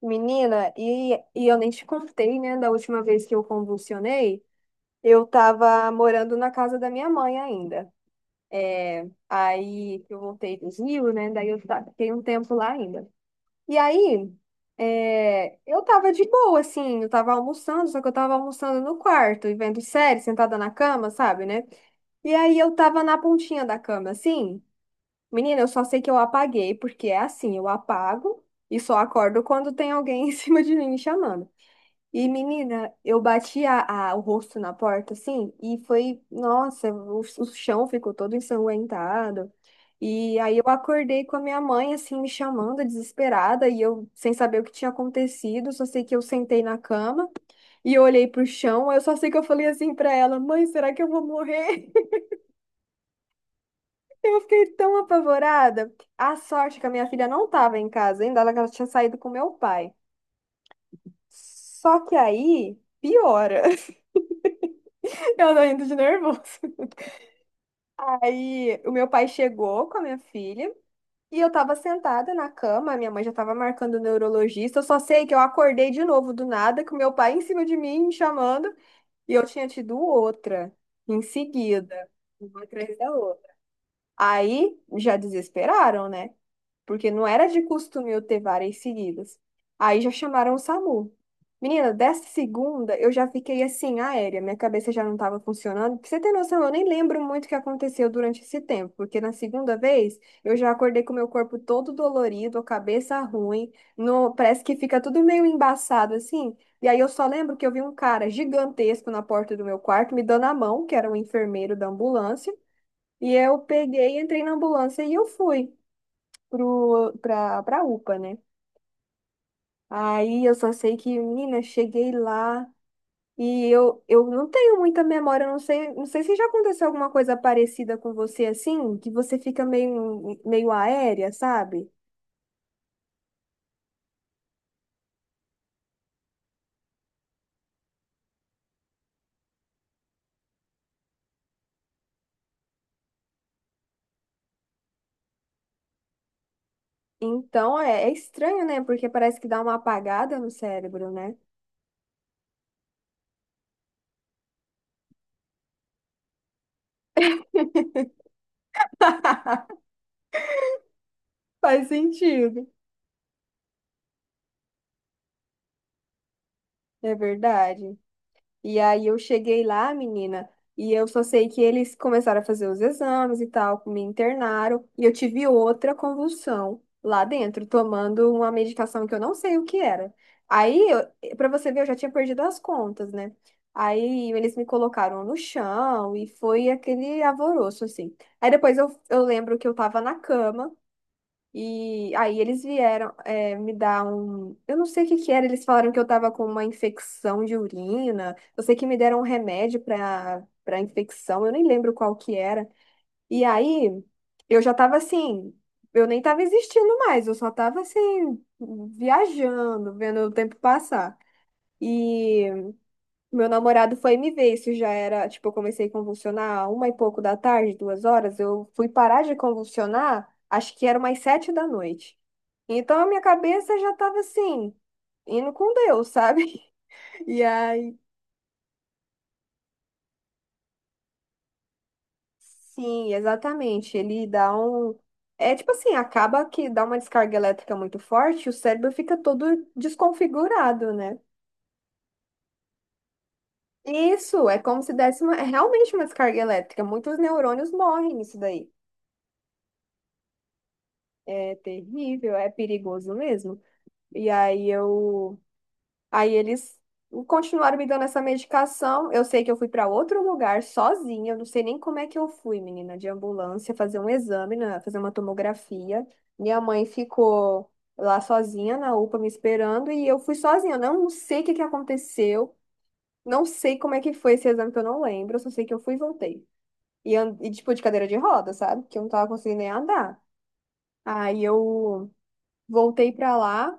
Menina, e eu nem te contei, né, da última vez que eu convulsionei, eu tava morando na casa da minha mãe ainda. É, aí que eu voltei do Rio, né, daí fiquei um tempo lá ainda. E aí, é, eu tava de boa, assim, eu tava almoçando, só que eu tava almoçando no quarto e vendo série, sentada na cama, sabe, né? E aí eu tava na pontinha da cama, assim. Menina, eu só sei que eu apaguei, porque é assim, eu apago e só acordo quando tem alguém em cima de mim me chamando. E, menina, eu bati o rosto na porta, assim, e foi, nossa, o chão ficou todo ensanguentado. E aí eu acordei com a minha mãe, assim, me chamando, desesperada, e eu sem saber o que tinha acontecido, só sei que eu sentei na cama e olhei pro chão, eu só sei que eu falei assim pra ela, mãe, será que eu vou morrer? Eu fiquei tão apavorada. A sorte é que a minha filha não tava em casa ainda, ela tinha saído com meu pai. Só que aí, piora. Eu tô indo de nervoso. Aí o meu pai chegou com a minha filha e eu tava sentada na cama, a minha mãe já tava marcando o neurologista. Eu só sei que eu acordei de novo do nada, com o meu pai em cima de mim, me chamando, e eu tinha tido outra em seguida, uma atrás da outra. Aí já desesperaram, né? Porque não era de costume eu ter várias seguidas. Aí já chamaram o SAMU. Menina, dessa segunda eu já fiquei assim, aérea, minha cabeça já não estava funcionando. Pra você ter noção, eu nem lembro muito o que aconteceu durante esse tempo, porque na segunda vez eu já acordei com o meu corpo todo dolorido, a cabeça ruim, no, parece que fica tudo meio embaçado assim. E aí eu só lembro que eu vi um cara gigantesco na porta do meu quarto me dando a mão, que era um enfermeiro da ambulância, e eu peguei, entrei na ambulância e eu fui pra UPA, né? Aí eu só sei que, menina, cheguei lá e eu não tenho muita memória, eu não sei, não sei se já aconteceu alguma coisa parecida com você assim, que você fica meio aérea, sabe? Então é, é estranho, né? Porque parece que dá uma apagada no cérebro, né? Faz sentido. É verdade. E aí eu cheguei lá, menina, e eu só sei que eles começaram a fazer os exames e tal, me internaram, e eu tive outra convulsão lá dentro, tomando uma medicação que eu não sei o que era. Aí, pra você ver, eu já tinha perdido as contas, né? Aí eles me colocaram no chão e foi aquele alvoroço, assim. Aí depois eu lembro que eu tava na cama. E aí eles vieram é, me dar um. Eu não sei o que que era, eles falaram que eu tava com uma infecção de urina. Eu sei que me deram um remédio para infecção, eu nem lembro qual que era. E aí eu já tava assim, eu nem tava existindo mais, eu só tava assim, viajando, vendo o tempo passar. E meu namorado foi me ver, isso já era, tipo, eu comecei a convulsionar a uma e pouco da tarde, duas horas, eu fui parar de convulsionar, acho que era umas sete da noite. Então a minha cabeça já tava assim, indo com Deus, sabe? E aí, sim, exatamente, ele dá um. É tipo assim, acaba que dá uma descarga elétrica muito forte, o cérebro fica todo desconfigurado, né? Isso, é como se desse uma, é realmente uma descarga elétrica. Muitos neurônios morrem nisso daí. É terrível, é perigoso mesmo. E aí eu, aí eles continuaram me dando essa medicação. Eu sei que eu fui para outro lugar sozinha, eu não sei nem como é que eu fui, menina, de ambulância, fazer um exame, né, fazer uma tomografia. Minha mãe ficou lá sozinha na UPA me esperando e eu fui sozinha. Eu não sei o que que aconteceu, não sei como é que foi esse exame que eu não lembro, eu só sei que eu fui e voltei. E, e tipo de cadeira de roda, sabe? Que eu não tava conseguindo nem andar. Aí eu voltei pra lá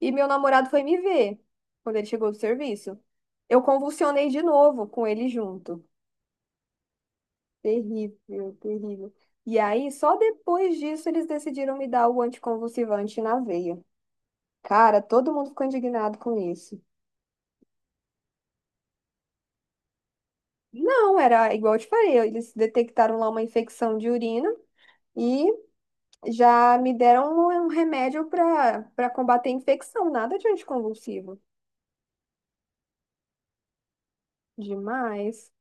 e meu namorado foi me ver quando ele chegou do serviço. Eu convulsionei de novo com ele junto. Terrível, terrível. E aí, só depois disso, eles decidiram me dar o anticonvulsivante na veia. Cara, todo mundo ficou indignado com isso. Não, era igual eu te falei, eles detectaram lá uma infecção de urina e já me deram um remédio para combater a infecção, nada de anticonvulsivo. Demais.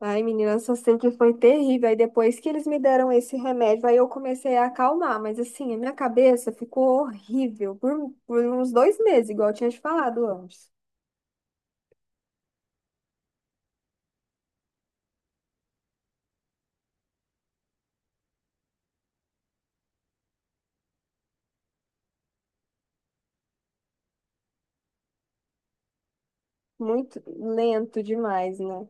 Ai, menina, eu só sei que foi terrível. Aí depois que eles me deram esse remédio, aí eu comecei a acalmar. Mas assim, a minha cabeça ficou horrível por uns dois meses, igual eu tinha te falado antes. Muito lento demais, né?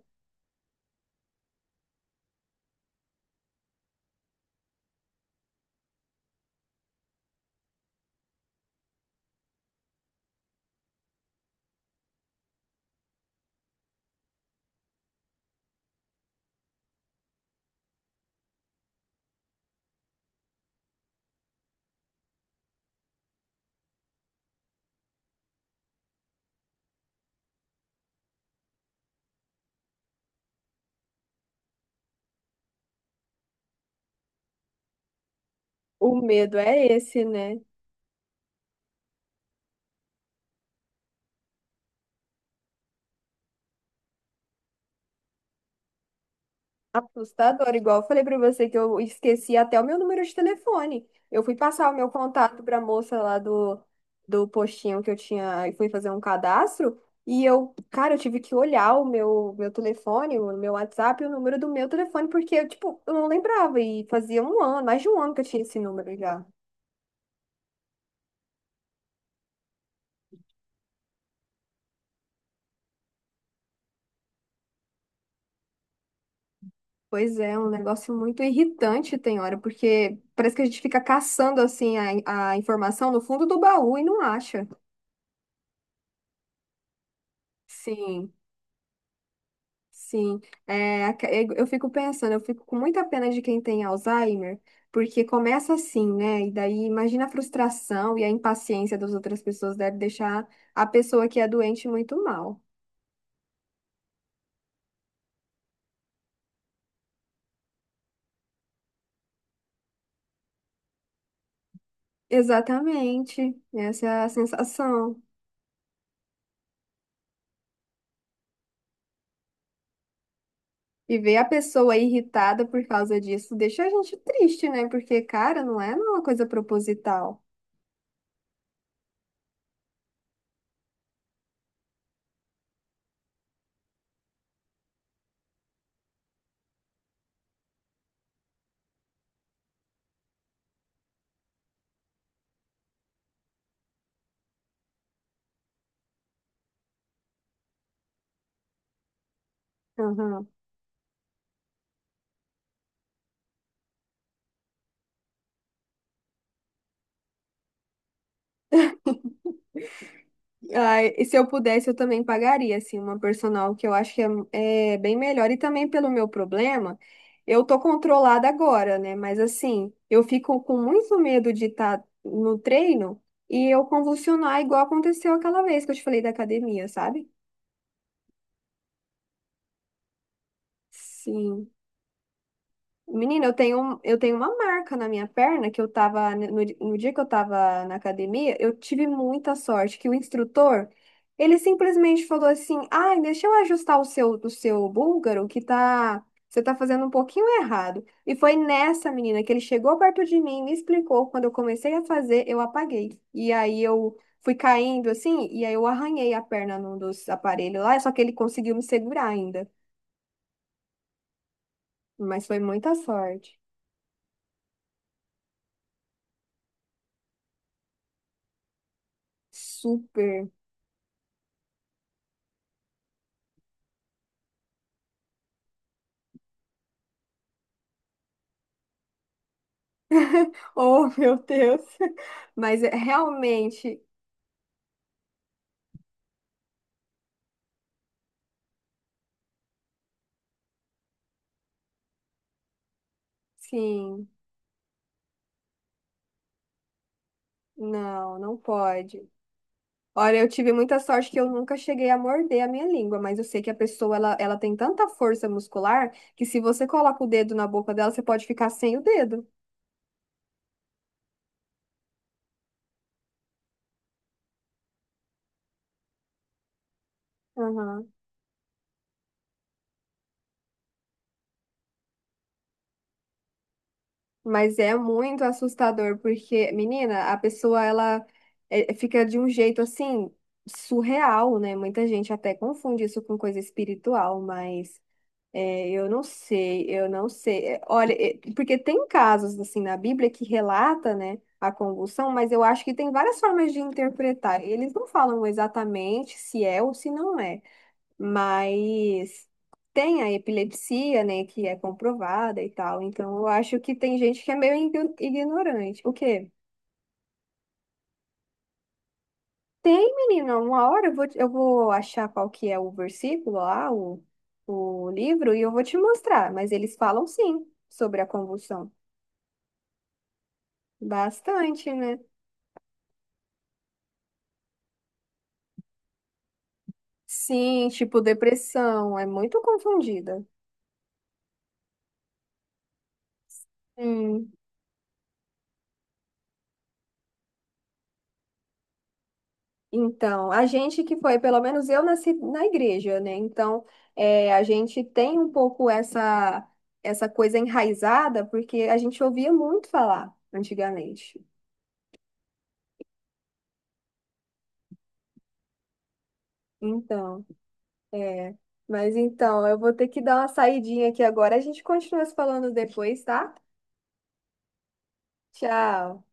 O medo é esse, né? Assustador, igual eu falei pra você que eu esqueci até o meu número de telefone. Eu fui passar o meu contato pra moça lá do, do postinho que eu tinha e fui fazer um cadastro. E eu, cara, eu tive que olhar o meu telefone, o meu WhatsApp, e o número do meu telefone, porque eu, tipo, eu não lembrava. E fazia um ano, mais de um ano que eu tinha esse número já. Pois é, é um negócio muito irritante, tem hora, porque parece que a gente fica caçando, assim, a informação no fundo do baú e não acha. Sim. Sim, é, eu fico pensando, eu fico com muita pena de quem tem Alzheimer, porque começa assim, né? E daí imagina a frustração e a impaciência das outras pessoas deve deixar a pessoa que é doente muito mal. Exatamente, essa é a sensação. E ver a pessoa irritada por causa disso deixa a gente triste, né? Porque, cara, não é uma coisa proposital. Ai, e se eu pudesse, eu também pagaria, assim, uma personal, que eu acho que é, é bem melhor. E também pelo meu problema, eu tô controlada agora, né? Mas assim, eu fico com muito medo de estar no treino e eu convulsionar igual aconteceu aquela vez que eu te falei da academia, sabe? Sim. Menina, eu tenho, eu tenho uma marca na minha perna que eu tava, né, no, no dia que eu tava na academia, eu tive muita sorte que o instrutor, ele simplesmente falou assim, ai, deixa eu ajustar o seu búlgaro que tá, você tá fazendo um pouquinho errado. E foi nessa menina que ele chegou perto de mim, me explicou, quando eu comecei a fazer, eu apaguei. E aí eu fui caindo assim, e aí eu arranhei a perna num dos aparelhos lá, só que ele conseguiu me segurar ainda. Mas foi muita sorte. Super. Oh, meu Deus. Mas realmente, sim, não, não pode. Olha, eu tive muita sorte que eu nunca cheguei a morder a minha língua, mas eu sei que a pessoa ela tem tanta força muscular que se você coloca o dedo na boca dela, você pode ficar sem o dedo. Aham. Mas é muito assustador porque, menina, a pessoa ela é, fica de um jeito assim surreal, né? Muita gente até confunde isso com coisa espiritual, mas é, eu não sei, eu não sei. É, olha, é, porque tem casos assim na Bíblia que relata, né, a convulsão, mas eu acho que tem várias formas de interpretar. Eles não falam exatamente se é ou se não é, mas tem a epilepsia, né, que é comprovada e tal. Então eu acho que tem gente que é meio ignorante. O quê? Tem, menina, uma hora eu vou, eu vou achar qual que é o versículo lá, o livro, e eu vou te mostrar. Mas eles falam sim sobre a convulsão. Bastante, né? Sim, tipo depressão, é muito confundida. Hum, Então, a gente que foi, pelo menos eu nasci na igreja, né? Então, é, a gente tem um pouco essa, essa coisa enraizada, porque a gente ouvia muito falar antigamente. Então. É, mas então, eu vou ter que dar uma saidinha aqui agora. A gente continua se falando depois, tá? Tchau.